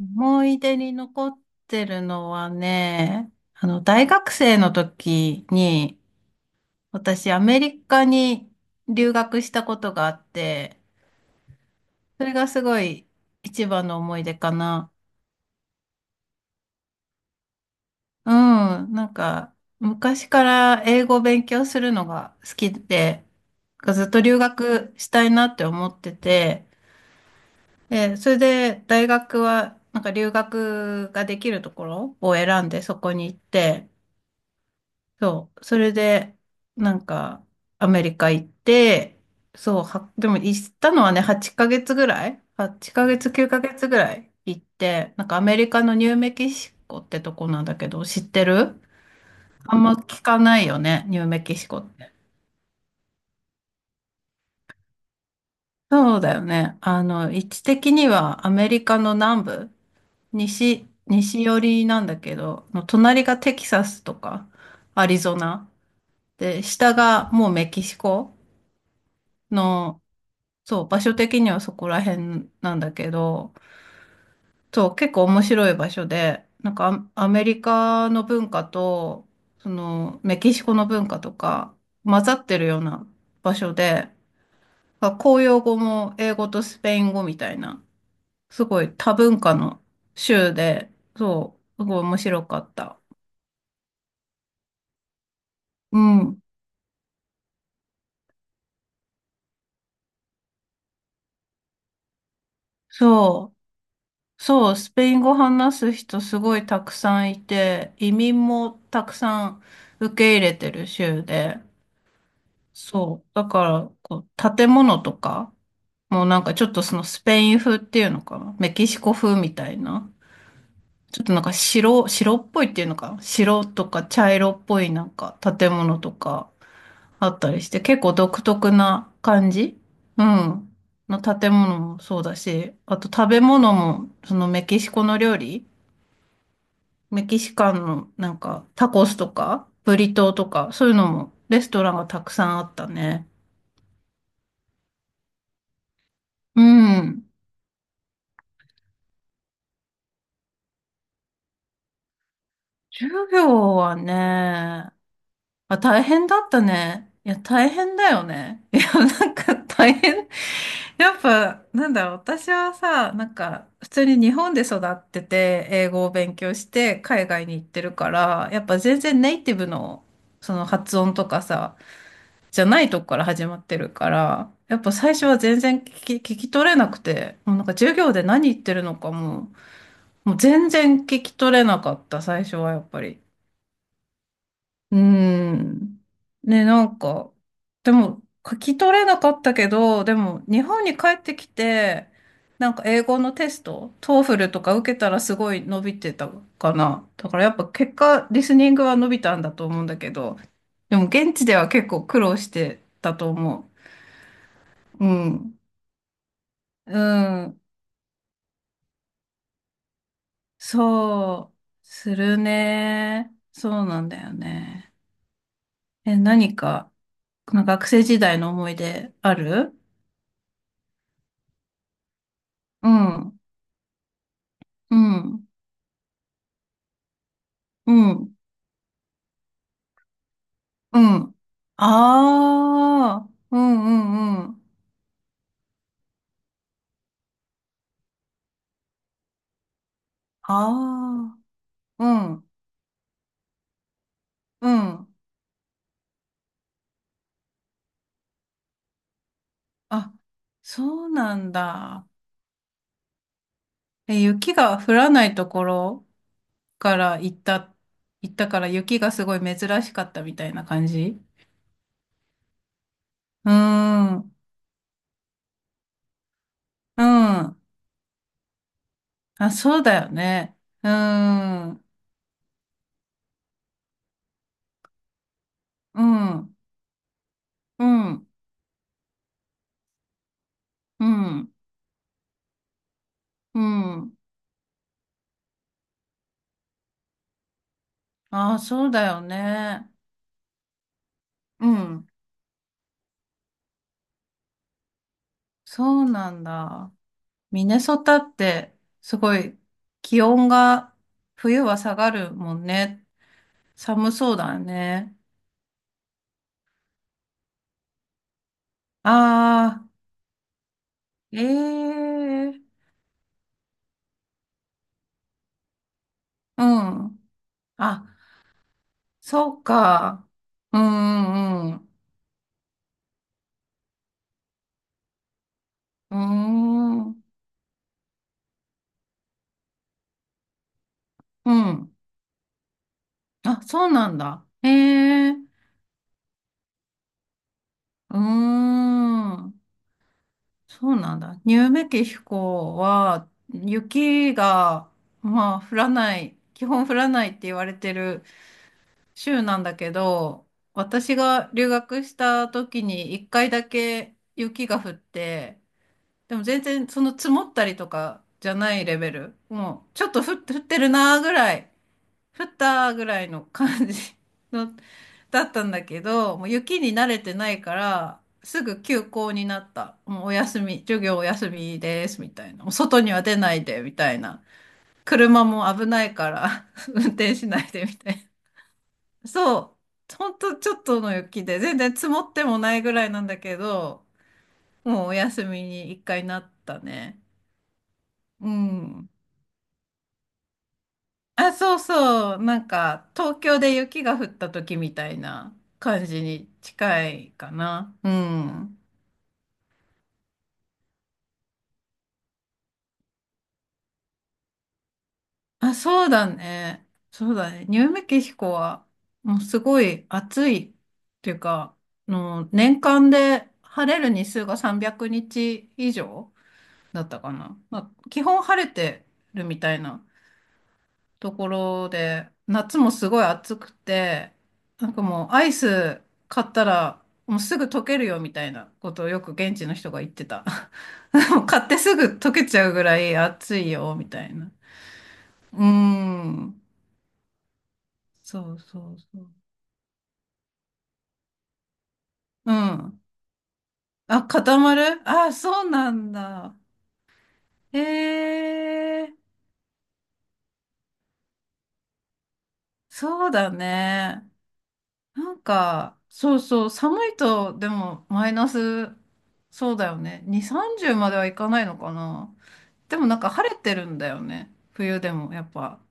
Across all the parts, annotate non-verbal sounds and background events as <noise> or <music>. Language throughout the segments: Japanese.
思い出に残ってるのはね、大学生の時に、私、アメリカに留学したことがあって、それがすごい一番の思い出かな。うん、なんか、昔から英語を勉強するのが好きで、ずっと留学したいなって思ってて、で、それで大学は、なんか留学ができるところを選んでそこに行って、そう。それで、なんか、アメリカ行って、そう、は、でも行ったのはね、8ヶ月ぐらい？ 8 ヶ月、9ヶ月ぐらい行って、なんかアメリカのニューメキシコってとこなんだけど、知ってる？あんま聞かないよね、ニューメキシコって。そうだよね。位置的にはアメリカの南部、西寄りなんだけど、の隣がテキサスとか、アリゾナ。で、下がもうメキシコの、そう、場所的にはそこら辺なんだけど、そう、結構面白い場所で、なんかアメリカの文化と、その、メキシコの文化とか、混ざってるような場所で、まあ公用語も英語とスペイン語みたいな、すごい多文化の州で、そう、すごい面白かった。うん。そう、そう、スペイン語話す人すごいたくさんいて、移民もたくさん受け入れてる州で、そう。だから、こう、建物とか、もうなんかちょっとそのスペイン風っていうのかな。メキシコ風みたいな。ちょっとなんか白っぽいっていうのかな。白とか茶色っぽいなんか建物とかあったりして、結構独特な感じ。うん。の建物もそうだし、あと食べ物も、そのメキシコの料理、メキシカンのなんかタコスとか、ブリトーとか、そういうのもレストランがたくさんあったね。うん。授業はね、まあ、大変だったね。いや、大変だよね。<laughs> いや、なんか大変。やっぱ、なんだろう、私はさ、なんか、普通に日本で育ってて、英語を勉強して、海外に行ってるから、やっぱ全然ネイティブの、その発音とかさ、じゃないとこから始まってるから、やっぱ最初は全然聞き取れなくて、もうなんか授業で何言ってるのかも、もう全然聞き取れなかった、最初はやっぱり。うーん。ね、なんか、でも、書き取れなかったけど、でも、日本に帰ってきて、なんか英語のテスト、トーフルとか受けたらすごい伸びてたかな。だからやっぱ結果、リスニングは伸びたんだと思うんだけど、でも現地では結構苦労してたと思う。うん。うん。そう、するね。そうなんだよね。え、何か、この学生時代の思い出ある？うん。うん、うん、うん。ああ、うん、うん、うん。ああ、うん、うん。あ、そうなんだ。え、雪が降らないところから行った、行ったから雪がすごい珍しかったみたいな感じ？うん、うん。あ、そうだよね。うん、うん、うん、うん、うん。ああ、そうだよね。うん、そうなんだ。ミネソタってすごい気温が冬は下がるもんね。寒そうだね。ああ、ええ、うん。あ、そうか。うん、うん、うん。うーん。うん。あ、そうなんだ。ええ、うーん。そうなんだ。ニューメキシコは雪が、まあ降らない、基本降らないって言われてる州なんだけど、私が留学した時に一回だけ雪が降って、でも全然その積もったりとかじゃないレベル。もうちょっと降ってるなーぐらい、降ったーぐらいの感じ <laughs> の、だったんだけど、もう雪に慣れてないから、すぐ休校になった。もうお休み、授業お休みです、みたいな。もう外には出ないで、みたいな。車も危ないから <laughs> 運転しないで、みたいな。そう、ほんとちょっとの雪で、全然積もってもないぐらいなんだけど、もうお休みに一回なったね。うん。あ、そうそう、なんか東京で雪が降った時みたいな感じに近いかな。うん。あ、そうだね。そうだね。ニューメキシコは、もうすごい暑いっていうか、あの年間で晴れる日数が300日以上だったかな。まあ、基本晴れてるみたいなところで、夏もすごい暑くて、なんかもうアイス買ったらもうすぐ溶けるよみたいなことをよく現地の人が言ってた。<laughs> もう買ってすぐ溶けちゃうぐらい暑いよみたいな。うーん。そうそうそう。うん。あ、固まる？あ、そうなんだ。へえ、そうだね。なんか、そうそう、寒いと、でも、マイナス、そうだよね。2、30まではいかないのかな。でもなんか晴れてるんだよね。冬でも、やっぱ。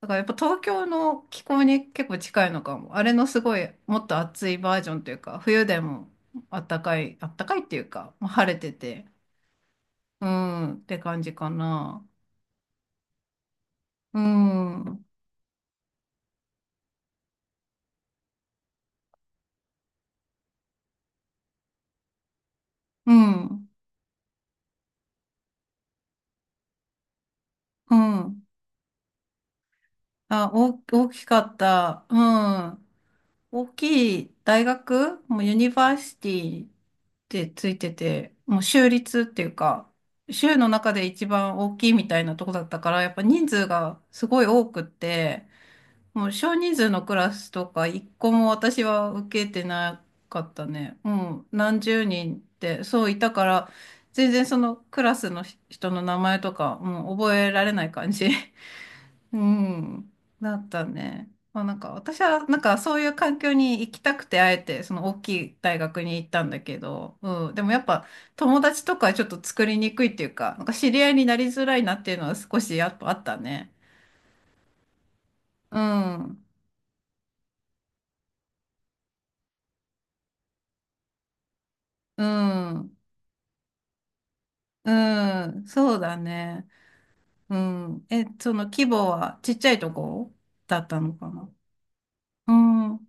だからやっぱ東京の気候に結構近いのかも。あれのすごい、もっと暑いバージョンというか、冬でもあったかい、あったかいっていうか、まあ晴れてて、うん、って感じかな。うん、うん、うん。あ、大きかった。うん。大きい大学、もうユニバーシティってついてて、もう州立っていうか、州の中で一番大きいみたいなとこだったから、やっぱ人数がすごい多くって、もう少人数のクラスとか一個も私は受けてなかったね。うん、何十人ってそういたから、全然そのクラスの人の名前とか、もう覚えられない感じ。うん、だったね。まあ、なんか私はなんかそういう環境に行きたくてあえてその大きい大学に行ったんだけど、うん、でもやっぱ友達とかちょっと作りにくいっていうか、なんか知り合いになりづらいなっていうのは少しやっぱあったね。うん、うん、うん、そうだね。うん。え、その規模はちっちゃいとこだったのかな？うん、う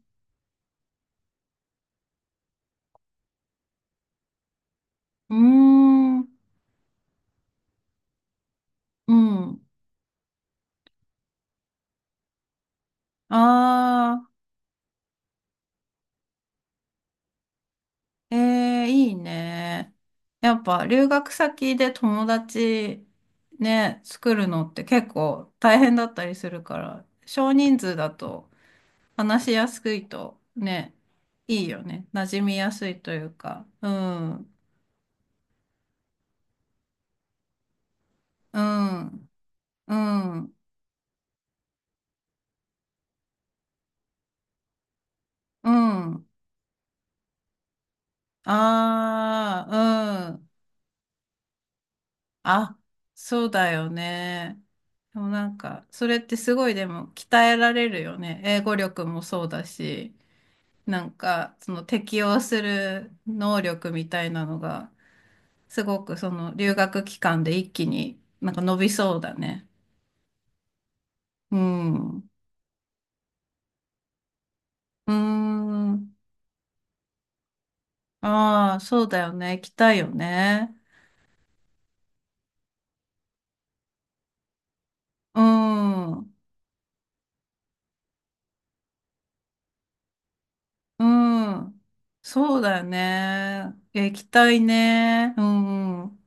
ーん、うん。あ。ええ、いいね。やっぱ留学先で友達ね、作るのって結構大変だったりするから、少人数だと話しやすいとね、いいよね。馴染みやすいというか。うん、うん、うん、うん。ああ、うん。あ、そうだよね。でもなんか、それってすごいでも鍛えられるよね。英語力もそうだし。なんか、その適応する能力みたいなのが、すごくその留学期間で一気になんか伸びそうだね。うん。うーん。ああ、そうだよね。行きたいよね。うん。うん。そうだよね。いや行きたいね。うん。